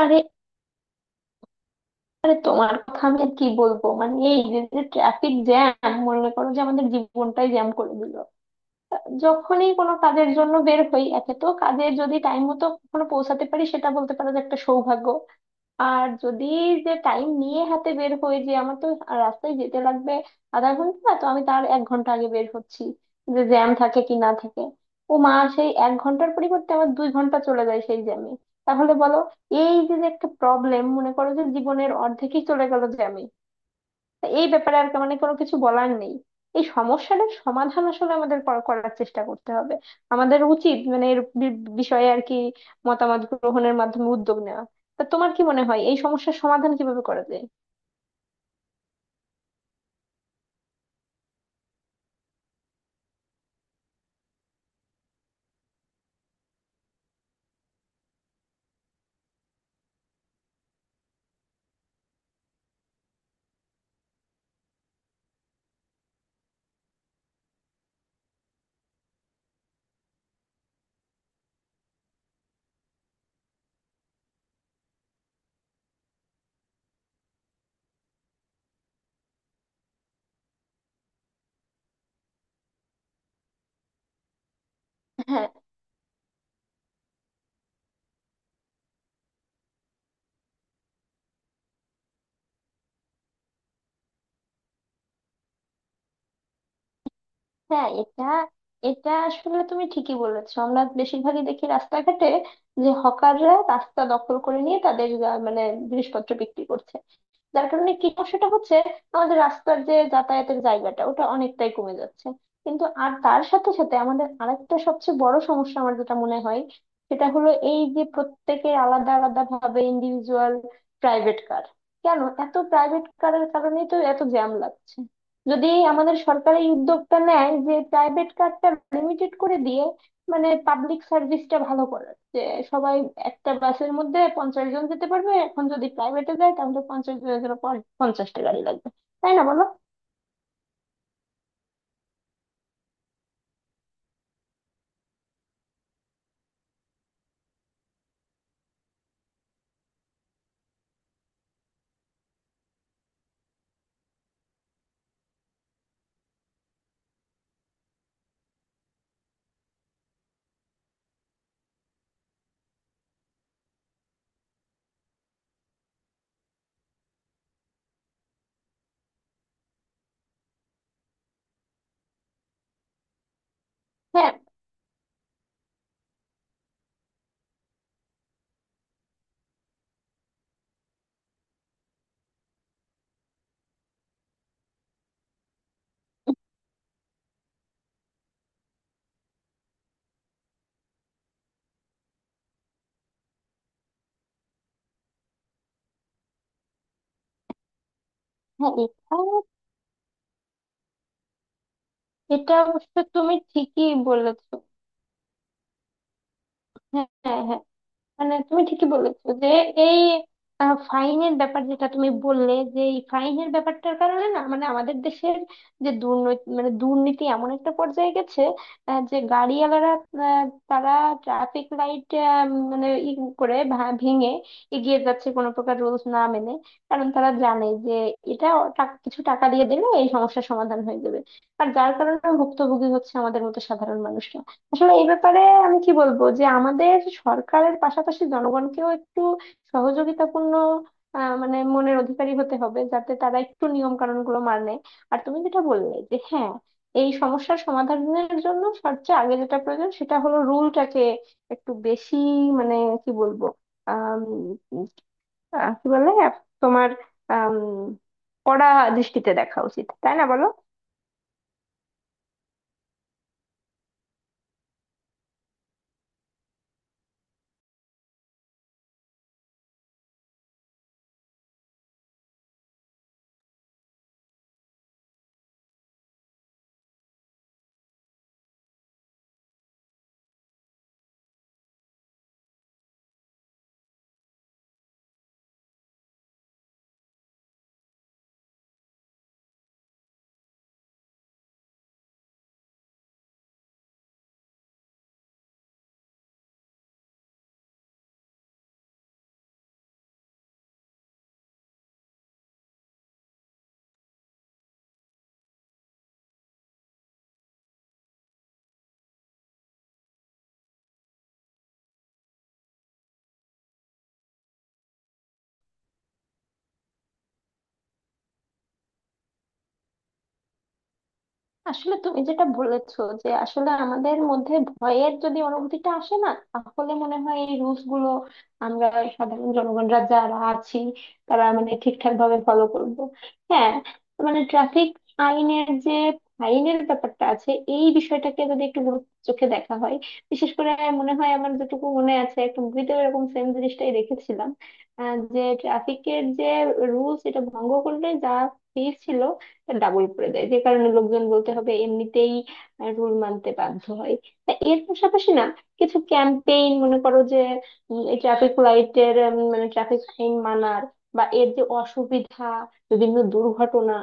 আরে, আরে, তোমার কথা আমি আর কি বলবো। মানে এই যে ট্রাফিক জ্যাম, মনে করো যে আমাদের জীবনটাই জ্যাম করে দিল। যখনই কোনো কাজের জন্য বের হই, একে তো কাজে যদি টাইম মতো কখনো পৌঁছাতে পারি সেটা বলতে পারো যে একটা সৌভাগ্য। আর যদি যে টাইম নিয়ে হাতে বের হই, যে আমার তো রাস্তায় যেতে লাগবে আধা ঘন্টা, তো আমি তার 1 ঘন্টা আগে বের হচ্ছি যে জ্যাম থাকে কি না থাকে। ও মা, সেই 1 ঘন্টার পরিবর্তে আমার 2 ঘন্টা চলে যায় সেই জ্যামে। তাহলে বলো, এই যে যে একটা প্রবলেম, মনে করো যে জীবনের অর্ধেকই চলে গেল জ্যামে। তা এই ব্যাপারে আর মানে কোনো কিছু বলার নেই। এই সমস্যাটার সমাধান আসলে আমাদের করার চেষ্টা করতে হবে। আমাদের উচিত মানে এর বিষয়ে আর কি মতামত গ্রহণের মাধ্যমে উদ্যোগ নেওয়া। তা তোমার কি মনে হয় এই সমস্যার সমাধান কিভাবে করা যায়? হ্যাঁ, হ্যাঁ, এটা এটা আসলে তুমি ঠিকই বলেছো। আমরা বেশিরভাগই দেখি রাস্তাঘাটে যে হকাররা রাস্তা দখল করে নিয়ে তাদের মানে জিনিসপত্র বিক্রি করছে। যার কারণে কি সমস্যাটা হচ্ছে, আমাদের রাস্তার যে যাতায়াতের জায়গাটা ওটা অনেকটাই কমে যাচ্ছে। কিন্তু আর তার সাথে সাথে আমাদের আরেকটা সবচেয়ে বড় সমস্যা আমার যেটা মনে হয় সেটা হলো এই যে প্রত্যেকে আলাদা আলাদা ভাবে ইন্ডিভিজুয়াল প্রাইভেট কার। কেন এত প্রাইভেট কারের কারণেই তো এত জ্যাম লাগছে। যদি আমাদের সরকার এই উদ্যোগটা নেয় যে প্রাইভেট কারটা লিমিটেড করে দিয়ে মানে পাবলিক সার্ভিসটা ভালো করা, যে সবাই একটা বাসের মধ্যে 50 জন যেতে পারবে, এখন যদি প্রাইভেটে যায় তাহলে 50 জনের জন্য 50টা গাড়ি লাগবে। তাই না বলো? হ্যাঁ, হ্যাঁ, এটা এটা অবশ্য তুমি ঠিকই বলেছো। হ্যাঁ, হ্যাঁ, হ্যাঁ। মানে তুমি ঠিকই বলেছো যে এই ফাইনের ব্যাপার যেটা তুমি বললে, যে এই ফাইনের ব্যাপারটার কারণে না মানে আমাদের দেশের যে দুর্নীতি মানে দুর্নীতি এমন একটা পর্যায়ে গেছে, যে গাড়িওয়ালারা আহ, তারা ট্রাফিক লাইট মানে ই করে ভেঙে এগিয়ে যাচ্ছে কোনো প্রকার রুলস না মেনে। কারণ তারা জানে যে এটা কিছু টাকা দিয়ে দিলে এই সমস্যার সমাধান হয়ে যাবে। আর যার কারণে ভুক্তভোগী হচ্ছে আমাদের মতো সাধারণ মানুষ। আসলে এই ব্যাপারে আমি কি বলবো, যে আমাদের সরকারের পাশাপাশি জনগণকেও একটু সহযোগিতাপূর্ণ মানে মনের অধিকারী হতে হবে, যাতে তারা একটু নিয়ম কানুন গুলো মানে। আর তুমি যেটা বললে যে হ্যাঁ, এই সমস্যার সমাধানের জন্য সবচেয়ে আগে যেটা প্রয়োজন সেটা হলো রুলটাকে একটু বেশি মানে কি বলবো, আম, কি বলে তোমার আম, কড়া দৃষ্টিতে দেখা উচিত। তাই না বলো? আসলে তুমি যেটা বলেছো যে আসলে আমাদের মধ্যে ভয়ের যদি অনুভূতিটা আসে না, তাহলে মনে হয় এই রুলস গুলো আমরা সাধারণ জনগণরা যারা আছি তারা মানে ঠিকঠাক ভাবে ফলো করব। হ্যাঁ, মানে ট্রাফিক আইনের যে ফাইনের ব্যাপারটা আছে, এই বিষয়টাকে যদি একটু গুরুত্ব চোখে দেখা হয়, বিশেষ করে মনে হয় আমার যেটুকু মনে আছে, একটা মুভিতে এরকম সেম জিনিসটাই দেখেছিলাম, যে ট্রাফিকের যে রুলস এটা ভঙ্গ করলে যা ফি ছিল ডাবল করে দেয়, যে কারণে লোকজন বলতে হবে এমনিতেই রুল মানতে বাধ্য হয়। তা এর পাশাপাশি না কিছু ক্যাম্পেইন, মনে করো যে ট্রাফিক লাইটের মানে ট্রাফিক আইন মানার বা এর যে অসুবিধা, বিভিন্ন দুর্ঘটনা,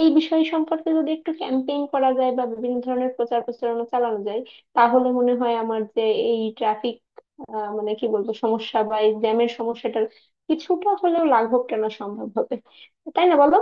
এই বিষয় সম্পর্কে যদি একটু ক্যাম্পেইন করা যায় বা বিভিন্ন ধরনের প্রচার প্রচারণা চালানো যায়, তাহলে মনে হয় আমার যে এই ট্রাফিক মানে কি বলবো সমস্যা বা এই জ্যামের সমস্যাটার কিছুটা হলেও লাঘব টানা সম্ভব হবে। তাই না বলো?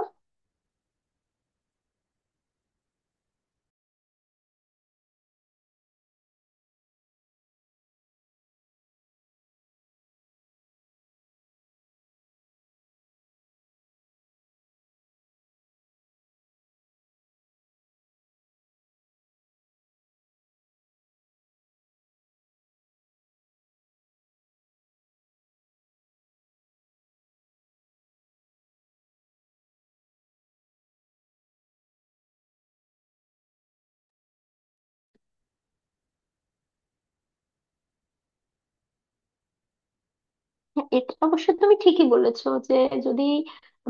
হ্যাঁ, এটা অবশ্য তুমি ঠিকই বলেছো যে যদি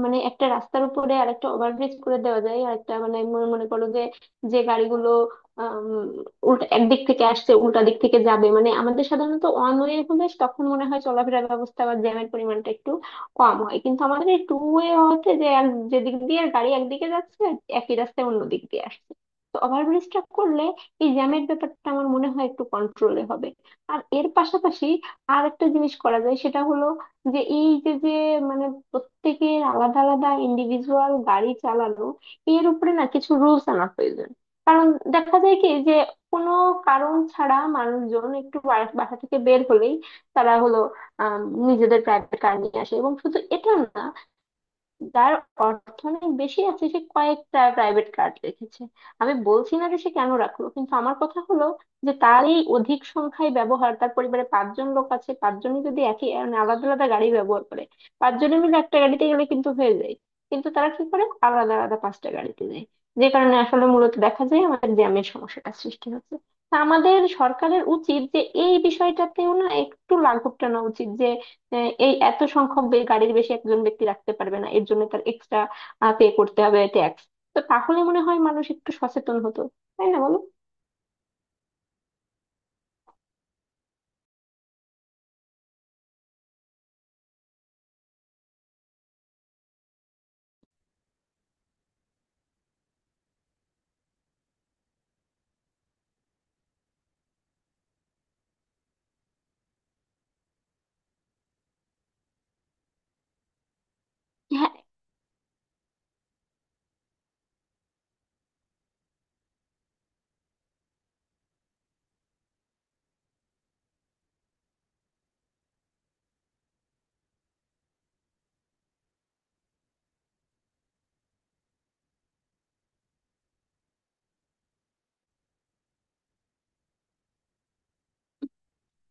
মানে একটা রাস্তার উপরে আরেকটা ওভারব্রিজ করে দেওয়া যায়, আরেকটা মানে মনে মনে করো যে যে গাড়িগুলো আম, উল্টা একদিক থেকে আসছে, উল্টা দিক থেকে যাবে মানে আমাদের সাধারণত ওয়ান ওয়ে হলে তখন মনে হয় চলাফেরার ব্যবস্থা বা জ্যামের পরিমাণটা একটু কম হয়, কিন্তু আমাদের এই টু ওয়ে হওয়াতে যে আর যেদিক দিয়ে গাড়ি একদিকে যাচ্ছে একই রাস্তায় অন্য দিক দিয়ে আসছে। তো ওভারব্রিজটা করলে এই জ্যামের ব্যাপারটা আমার মনে হয় একটু কন্ট্রোলে হবে। আর এর পাশাপাশি আর একটা জিনিস করা যায় সেটা হলো যে এই যে যে মানে প্রত্যেকের আলাদা আলাদা ইন্ডিভিজুয়াল গাড়ি চালানো, এর উপরে না কিছু রুলস আনা প্রয়োজন। কারণ দেখা যায় কি যে কোনো কারণ ছাড়া মানুষজন একটু বাসা থেকে বের হলেই তারা হলো আহ নিজেদের প্রাইভেট কার নিয়ে আসে, এবং শুধু এটা না, যার অর্থনৈতিক বেশি আছে সে কয়েকটা প্রাইভেট কার রেখেছে। আমি বলছি না যে সে কেন রাখলো, কিন্তু আমার কথা হলো যে তার এই অধিক সংখ্যায় ব্যবহার, তার পরিবারে পাঁচজন লোক আছে, পাঁচজনই যদি একই মানে আলাদা আলাদা গাড়ি ব্যবহার করে, পাঁচজনে মিলে একটা গাড়িতে গেলে কিন্তু হয়ে যায়, কিন্তু তারা কি করে আলাদা আলাদা পাঁচটা গাড়িতে যায়। যে কারণে আসলে মূলত দেখা যায় আমাদের জ্যামের সমস্যাটা সৃষ্টি হচ্ছে। তা আমাদের সরকারের উচিত যে এই বিষয়টাতেও না একটু লাঘব টানা উচিত যে এই এত সংখ্যক গাড়ির বেশি একজন ব্যক্তি রাখতে পারবে না, এর জন্য তার এক্সট্রা পে করতে হবে ট্যাক্স। তো তাহলে মনে হয় মানুষ একটু সচেতন হতো। তাই না বলো?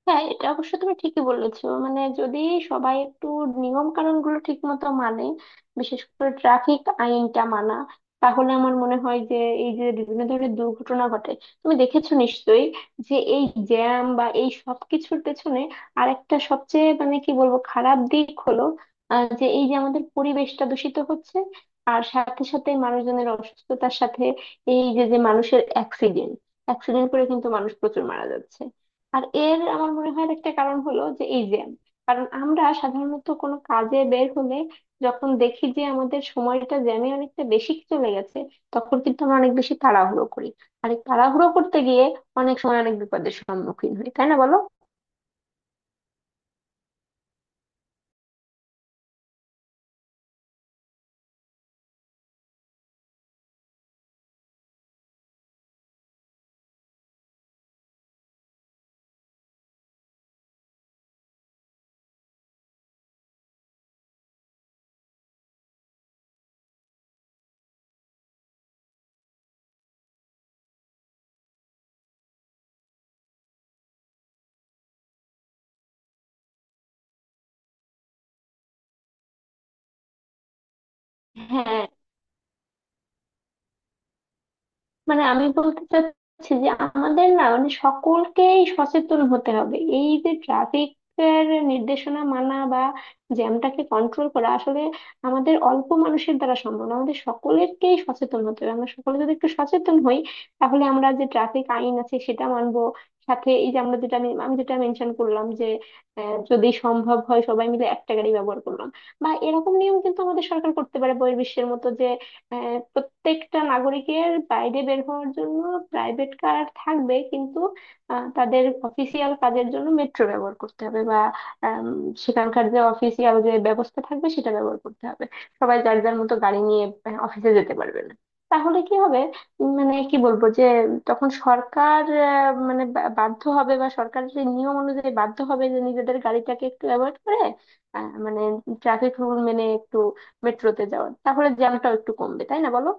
হ্যাঁ, এটা অবশ্য তুমি ঠিকই বলেছো, মানে যদি সবাই একটু নিয়ম কানুন গুলো ঠিক মতো মানে, বিশেষ করে ট্রাফিক আইনটা মানা, তাহলে আমার মনে হয় যে এই যে বিভিন্ন ধরনের দুর্ঘটনা ঘটে, তুমি দেখেছো নিশ্চয়ই যে এই জ্যাম বা এই সব কিছুর পেছনে আরেকটা সবচেয়ে মানে কি বলবো খারাপ দিক হলো যে এই যে আমাদের পরিবেশটা দূষিত হচ্ছে, আর সাথে সাথে মানুষজনের অসুস্থতার সাথে এই যে যে মানুষের অ্যাক্সিডেন্ট অ্যাক্সিডেন্ট করে কিন্তু মানুষ প্রচুর মারা যাচ্ছে। আর এর আমার মনে হয় একটা কারণ হলো যে এই যে কারণ আমরা সাধারণত কোনো কাজে বের হলে যখন দেখি যে আমাদের সময়টা জ্যামে অনেকটা বেশি চলে গেছে, তখন কিন্তু আমরা অনেক বেশি তাড়াহুড়ো করি, আর এই তাড়াহুড়ো করতে গিয়ে অনেক সময় অনেক বিপদের সম্মুখীন হই। তাই না বলো? হ্যাঁ, মানে আমি বলতে চাচ্ছি যে আমাদের না মানে সকলকেই সচেতন হতে হবে এই যে ট্রাফিক, এর নির্দেশনা মানা বা জ্যামটাকে কন্ট্রোল করা আসলে আমাদের অল্প মানুষের দ্বারা সম্ভব না, আমাদের সকলেরকেই সচেতন হতে হবে। আমরা সকলে যদি একটু সচেতন হই, তাহলে আমরা যে ট্রাফিক আইন আছে সেটা মানবো। সাথে এই যে আমরা যেটা আমি আমি যেটা মেনশন করলাম যে যদি সম্ভব হয় সবাই মিলে একটা গাড়ি ব্যবহার করলাম, বা এরকম নিয়ম কিন্তু আমাদের সরকার করতে পারে বহির্বিশ্বের মতো যে প্রত্যেকটা নাগরিকের বাইরে বের হওয়ার জন্য প্রাইভেট কার থাকবে, কিন্তু তাদের অফিসিয়াল কাজের জন্য মেট্রো ব্যবহার করতে হবে বা আম, সেখানকার যে অফিসিয়াল যে ব্যবস্থা থাকবে সেটা ব্যবহার করতে হবে, সবাই যার যার মতো গাড়ি নিয়ে অফিসে যেতে পারবে না। তাহলে কি হবে? মানে কি বলবো যে তখন সরকার মানে বাধ্য হবে বা সরকারের সেই নিয়ম অনুযায়ী বাধ্য হবে যে নিজেদের গাড়িটাকে একটু অ্যাভয়েড করে মানে ট্রাফিক রুল মেনে একটু মেট্রোতে যাওয়ার, তাহলে জ্যামটাও একটু কমবে। তাই না বলো?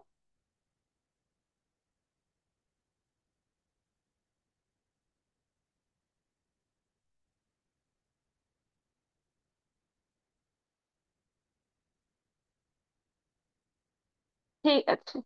ঠিক আছে।